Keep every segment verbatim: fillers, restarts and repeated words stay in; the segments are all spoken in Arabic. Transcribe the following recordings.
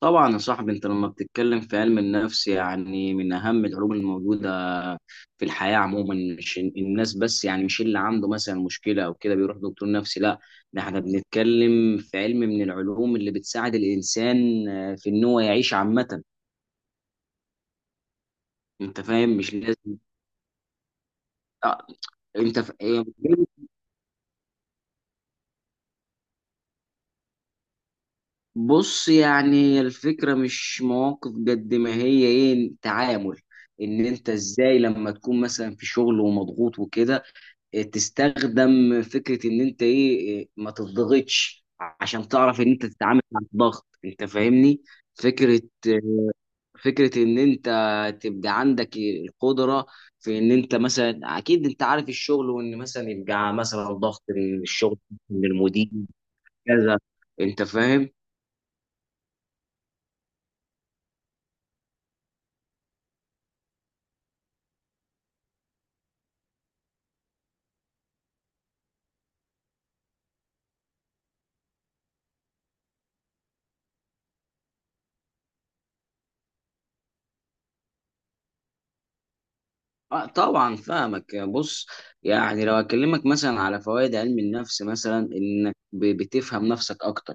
طبعا يا صاحبي، انت لما بتتكلم في علم النفس يعني من اهم العلوم الموجوده في الحياه عموما. مش ال- الناس بس، يعني مش اللي عنده مثلا مشكله او كده بيروح دكتور نفسي. لا، ده احنا بنتكلم في علم من العلوم اللي بتساعد الانسان آه، في ان هو يعيش عامه. انت فاهم؟ مش لازم. آه. انت ف... آه، بص، يعني الفكرة مش مواقف قد ما هي ايه، تعامل. ان انت ازاي لما تكون مثلا في شغل ومضغوط وكده، تستخدم فكره ان انت ايه، ما تضغطش، عشان تعرف ان انت تتعامل مع الضغط. انت فاهمني؟ فكره فكره ان انت تبقى عندك القدره في ان انت مثلا، اكيد انت عارف الشغل، وان مثلا يبقى مثلا ضغط من الشغل، من المدير، كذا. انت فاهم؟ آه طبعا فاهمك. بص، يعني لو اكلمك مثلا على فوائد علم النفس، مثلا انك ب- بتفهم نفسك اكتر.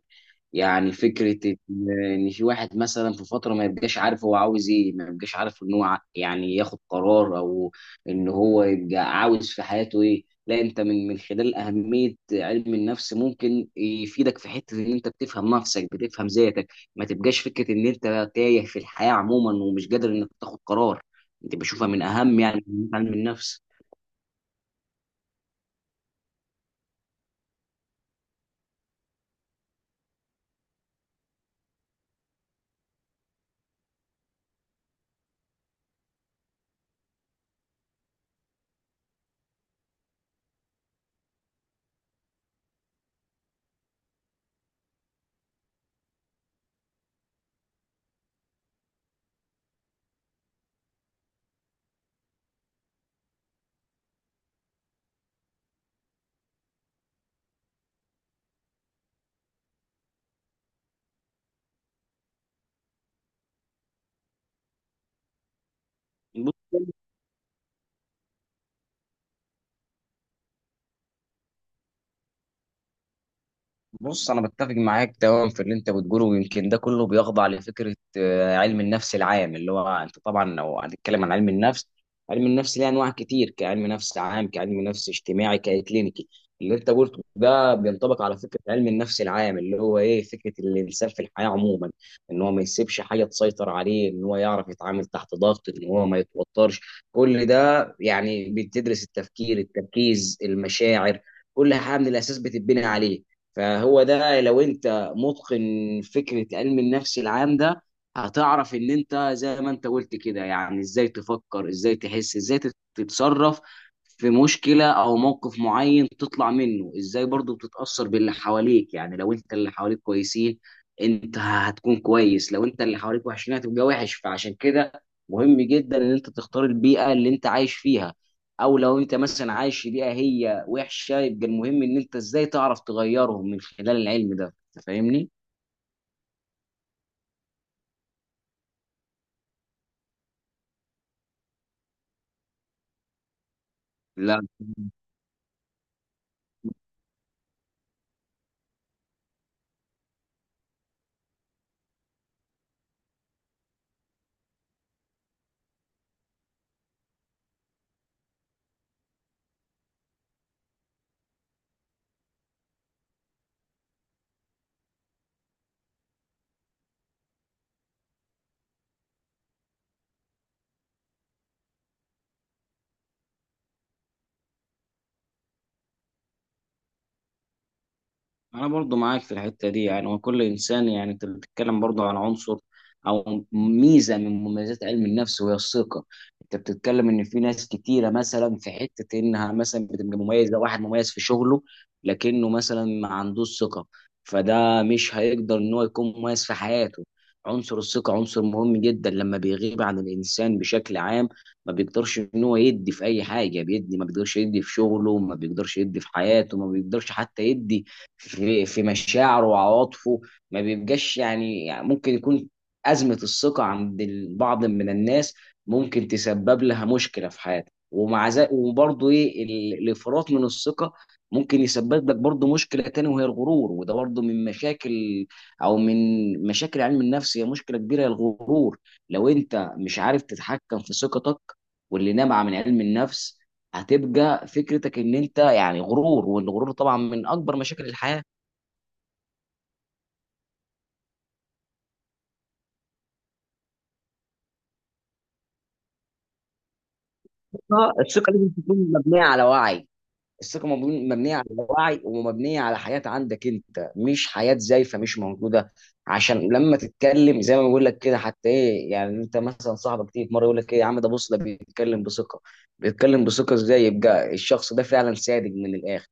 يعني فكره ان إن في واحد مثلا في فتره ما يبقاش عارف هو عاوز ايه، ما يبقاش عارف ان هو ع- يعني ياخد قرار، او ان هو يبقى عاوز في حياته ايه. لا، انت من من خلال اهميه علم النفس ممكن يفيدك في حته ان انت بتفهم نفسك، بتفهم ذاتك، ما تبقاش فكره ان انت تايه في الحياه عموما ومش قادر انك تاخد قرار. دي بشوفها من اهم، يعني من علم النفس. بص بص انا بتفق معاك تماما في اللي انت بتقوله، ويمكن ده كله بيخضع لفكره آه، علم النفس العام، اللي هو انت طبعا لو هنتكلم عن علم النفس، علم النفس ليه انواع كتير، كعلم نفس عام، كعلم نفس اجتماعي، ككلينيكي. اللي انت قلته ده بينطبق على فكره علم النفس العام، اللي هو ايه، فكره الانسان في الحياه عموما ان هو ما يسيبش حاجه تسيطر عليه، ان هو يعرف يتعامل تحت ضغط، ان هو ما يتوترش. كل ده يعني بتدرس التفكير، التركيز، المشاعر. كل حاجه من الاساس بتتبني عليه. فهو ده لو انت متقن فكرة علم النفس العام ده، هتعرف ان انت زي ما انت قلت كده، يعني ازاي تفكر، ازاي تحس، ازاي تت- تتصرف في مشكلة او موقف معين، تطلع منه ازاي. برضو بتتأثر باللي حواليك، يعني لو انت اللي حواليك كويسين، انت هتكون كويس. لو انت اللي حواليك وحشين، هتبقى وحش. فعشان كده مهم جدا ان انت تختار البيئة اللي انت عايش فيها، او لو انت مثلا عايش في بيئه هي وحشه، يبقى المهم ان انت ازاي تعرف تغيرهم من خلال العلم ده. انت فاهمني؟ لا. انا برضو معاك في الحته دي. يعني وكل انسان، يعني انت بتتكلم برضو عن عنصر او ميزه من مميزات علم النفس، وهي الثقه. انت بتتكلم ان في ناس كتيره مثلا، في حته انها مثلا بتبقى مميزه، واحد مميز في شغله لكنه مثلا ما عندوش ثقه، فده مش هيقدر ان هو يكون مميز في حياته. عنصر الثقه عنصر مهم جدا، لما بيغيب عن الانسان بشكل عام ما بيقدرش ان هو يدي في اي حاجه، بيدي، ما بيقدرش يدي في شغله، ما بيقدرش يدي في حياته، ما بيقدرش حتى يدي في في مشاعره وعواطفه. ما بيبقاش يعني، يعني ممكن يكون أزمة الثقة عند البعض من الناس، ممكن تسبب لها مشكلة في حياتك. ومع ذلك وبرضه ايه، ال- الانفراط من الثقة ممكن يسبب لك برضه مشكلة تانية وهي الغرور. وده برضه من مشاكل، أو من مشاكل علم النفس، هي مشكلة كبيرة، هي الغرور. لو أنت مش عارف تتحكم في ثقتك واللي نابعة من علم النفس، هتبقى فكرتك ان انت يعني غرور. والغرور طبعا من اكبر مشاكل الحياه. آه، الثقه لازم تكون مبنيه على وعي. الثقه مبنو- مبنيه على وعي، ومبنيه على حياه عندك انت، مش حياه زيفه مش موجوده. عشان لما تتكلم زي ما بقول لك كده، حتى ايه، يعني انت مثلا صاحبك تيجي في مره يقول لك ايه، يا عم ده بص، ده بيتكلم بثقه. بيتكلم بثقه ازاي؟ يبقى الشخص ده فعلا صادق من الاخر.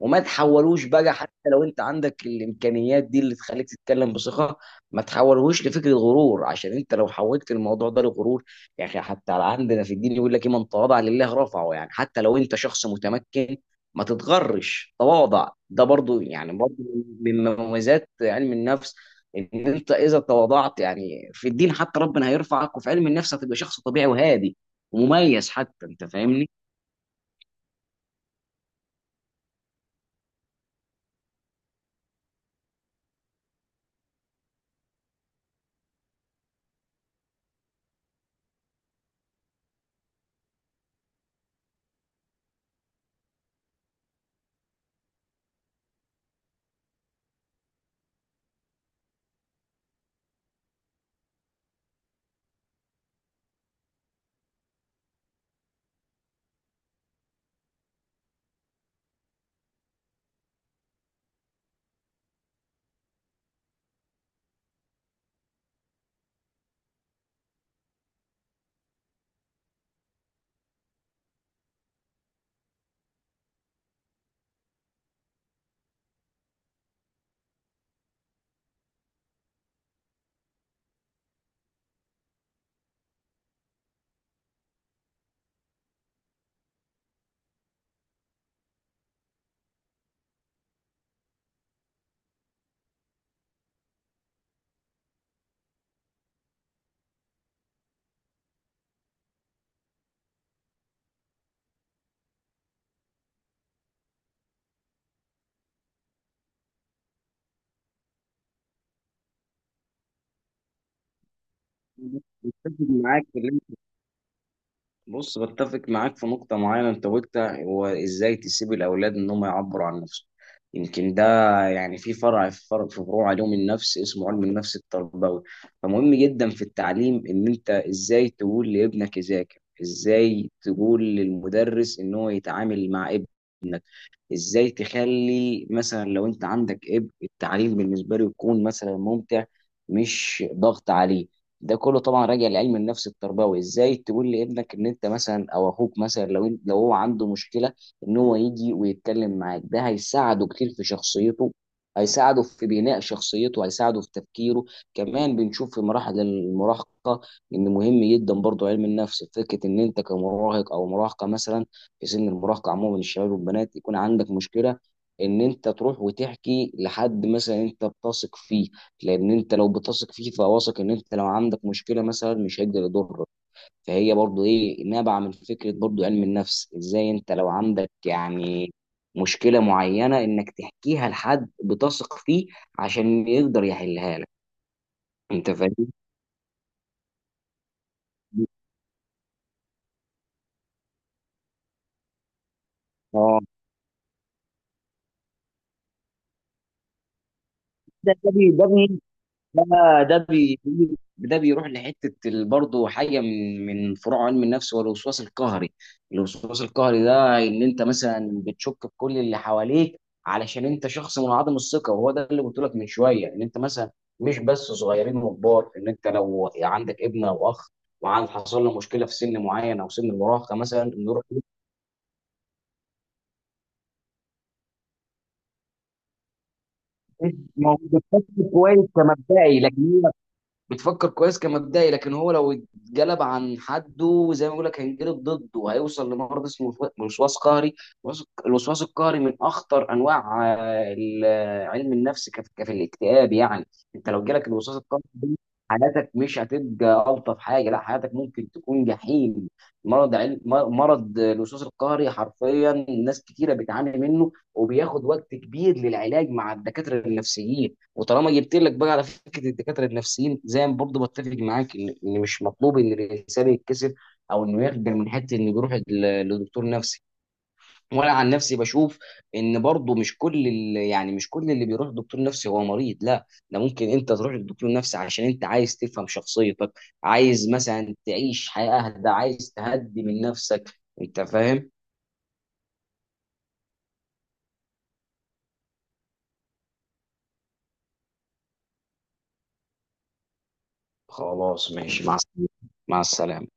وما تحولوش بقى، حتى لو انت عندك الامكانيات دي اللي تخليك تتكلم بثقه، ما تحولهوش لفكره غرور. عشان انت لو حولت الموضوع ده لغرور، يا اخي حتى عندنا في الدين يقول لك ايه، من تواضع لله رفعه. يعني حتى لو انت شخص متمكن، ما تتغرش. تواضع ده برضو، يعني برضو من مميزات علم النفس، ان انت اذا تواضعت، يعني في الدين حتى ربنا هيرفعك، وفي علم النفس هتبقى شخص طبيعي وهادي ومميز حتى. انت فاهمني؟ متفق معاك. بص، بتفق معاك في نقطة معينة أنت قلتها، هو إزاي تسيب الأولاد إن هم يعبروا عن نفسهم. يمكن ده، يعني في فرع في فرع في فروع علوم النفس اسمه علم النفس التربوي. فمهم جدا في التعليم إن أنت إزاي تقول لابنك يذاكر، إزاي تقول للمدرس إن هو يتعامل مع ابنه، ازاي تخلي مثلا لو انت عندك ابن التعليم بالنسبه له يكون مثلا ممتع مش ضغط عليه. ده كله طبعا راجع لعلم النفس التربوي. ازاي تقول لابنك ان انت مثلا، او اخوك مثلا، لو انت لو هو عنده مشكله ان هو يجي ويتكلم معاك، ده هيساعده كتير في شخصيته، هيساعده في بناء شخصيته، هيساعده في تفكيره. كمان بنشوف في مراحل المراهقه ان مهم جدا برضو علم النفس، فكره ان انت كمراهق او مراهقه مثلا، في سن المراهقه عموما الشباب والبنات، يكون عندك مشكله ان انت تروح وتحكي لحد مثلا انت بتثق فيه. لان انت لو بتثق فيه، فواثق ان انت لو عندك مشكله مثلا مش هيقدر يضرك. فهي برضو ايه، نابعه من فكره برضو علم النفس، ازاي انت لو عندك يعني مشكله معينه، انك تحكيها لحد بتثق فيه عشان يقدر يحلها لك. انت فاهم؟ اه. ده ده بي- ده ده ده بي ده بيروح لحته ال- برضه حاجه من من فروع علم النفس، والوسواس القهري. الوسواس القهري ده ان انت مثلا بتشك في كل اللي حواليك، علشان انت شخص منعدم الثقه. وهو ده اللي قلت لك من شويه، ان انت مثلا مش بس صغيرين وكبار، ان انت لو عندك ابن او اخ وعند حصل له مشكله في سن معين او سن المراهقه مثلا، انه يروح. موجود. كويس كمبدئي، لكن بتفكر كويس كمبدئي، لكن هو لو اتجلب عن حده زي ما بقول لك هينجلب ضده، وهيوصل لمرض اسمه وسو- وسواس قهري. وسو- الوسواس القهري من اخطر انواع آه، ال- آه، علم النفس، كف كف الاكتئاب يعني. انت لو جالك الوسواس القهري ده، حياتك مش هتبقى الطف حاجه. لا، حياتك ممكن تكون جحيم. مرض علم مر- مرض الوسواس القهري حرفيا ناس كتيره بتعاني منه، وبياخد وقت كبير للعلاج مع الدكاتره النفسيين. وطالما جبت لك بقى على فكره الدكاتره النفسيين، زي ما برضه بتفق معاك، ان إن مش مطلوب ان الانسان يتكسف او انه يخجل من حته انه يروح ل- لدكتور نفسي. وانا عن نفسي بشوف ان برضه مش كل ال- يعني مش كل اللي بيروح لدكتور نفسي هو مريض. لا، ده ممكن انت تروح لدكتور نفسي عشان انت عايز تفهم شخصيتك، عايز مثلا تعيش حياه اهدى، عايز تهدي من نفسك. انت فاهم؟ خلاص ماشي، مع السلامه. مع السلامه.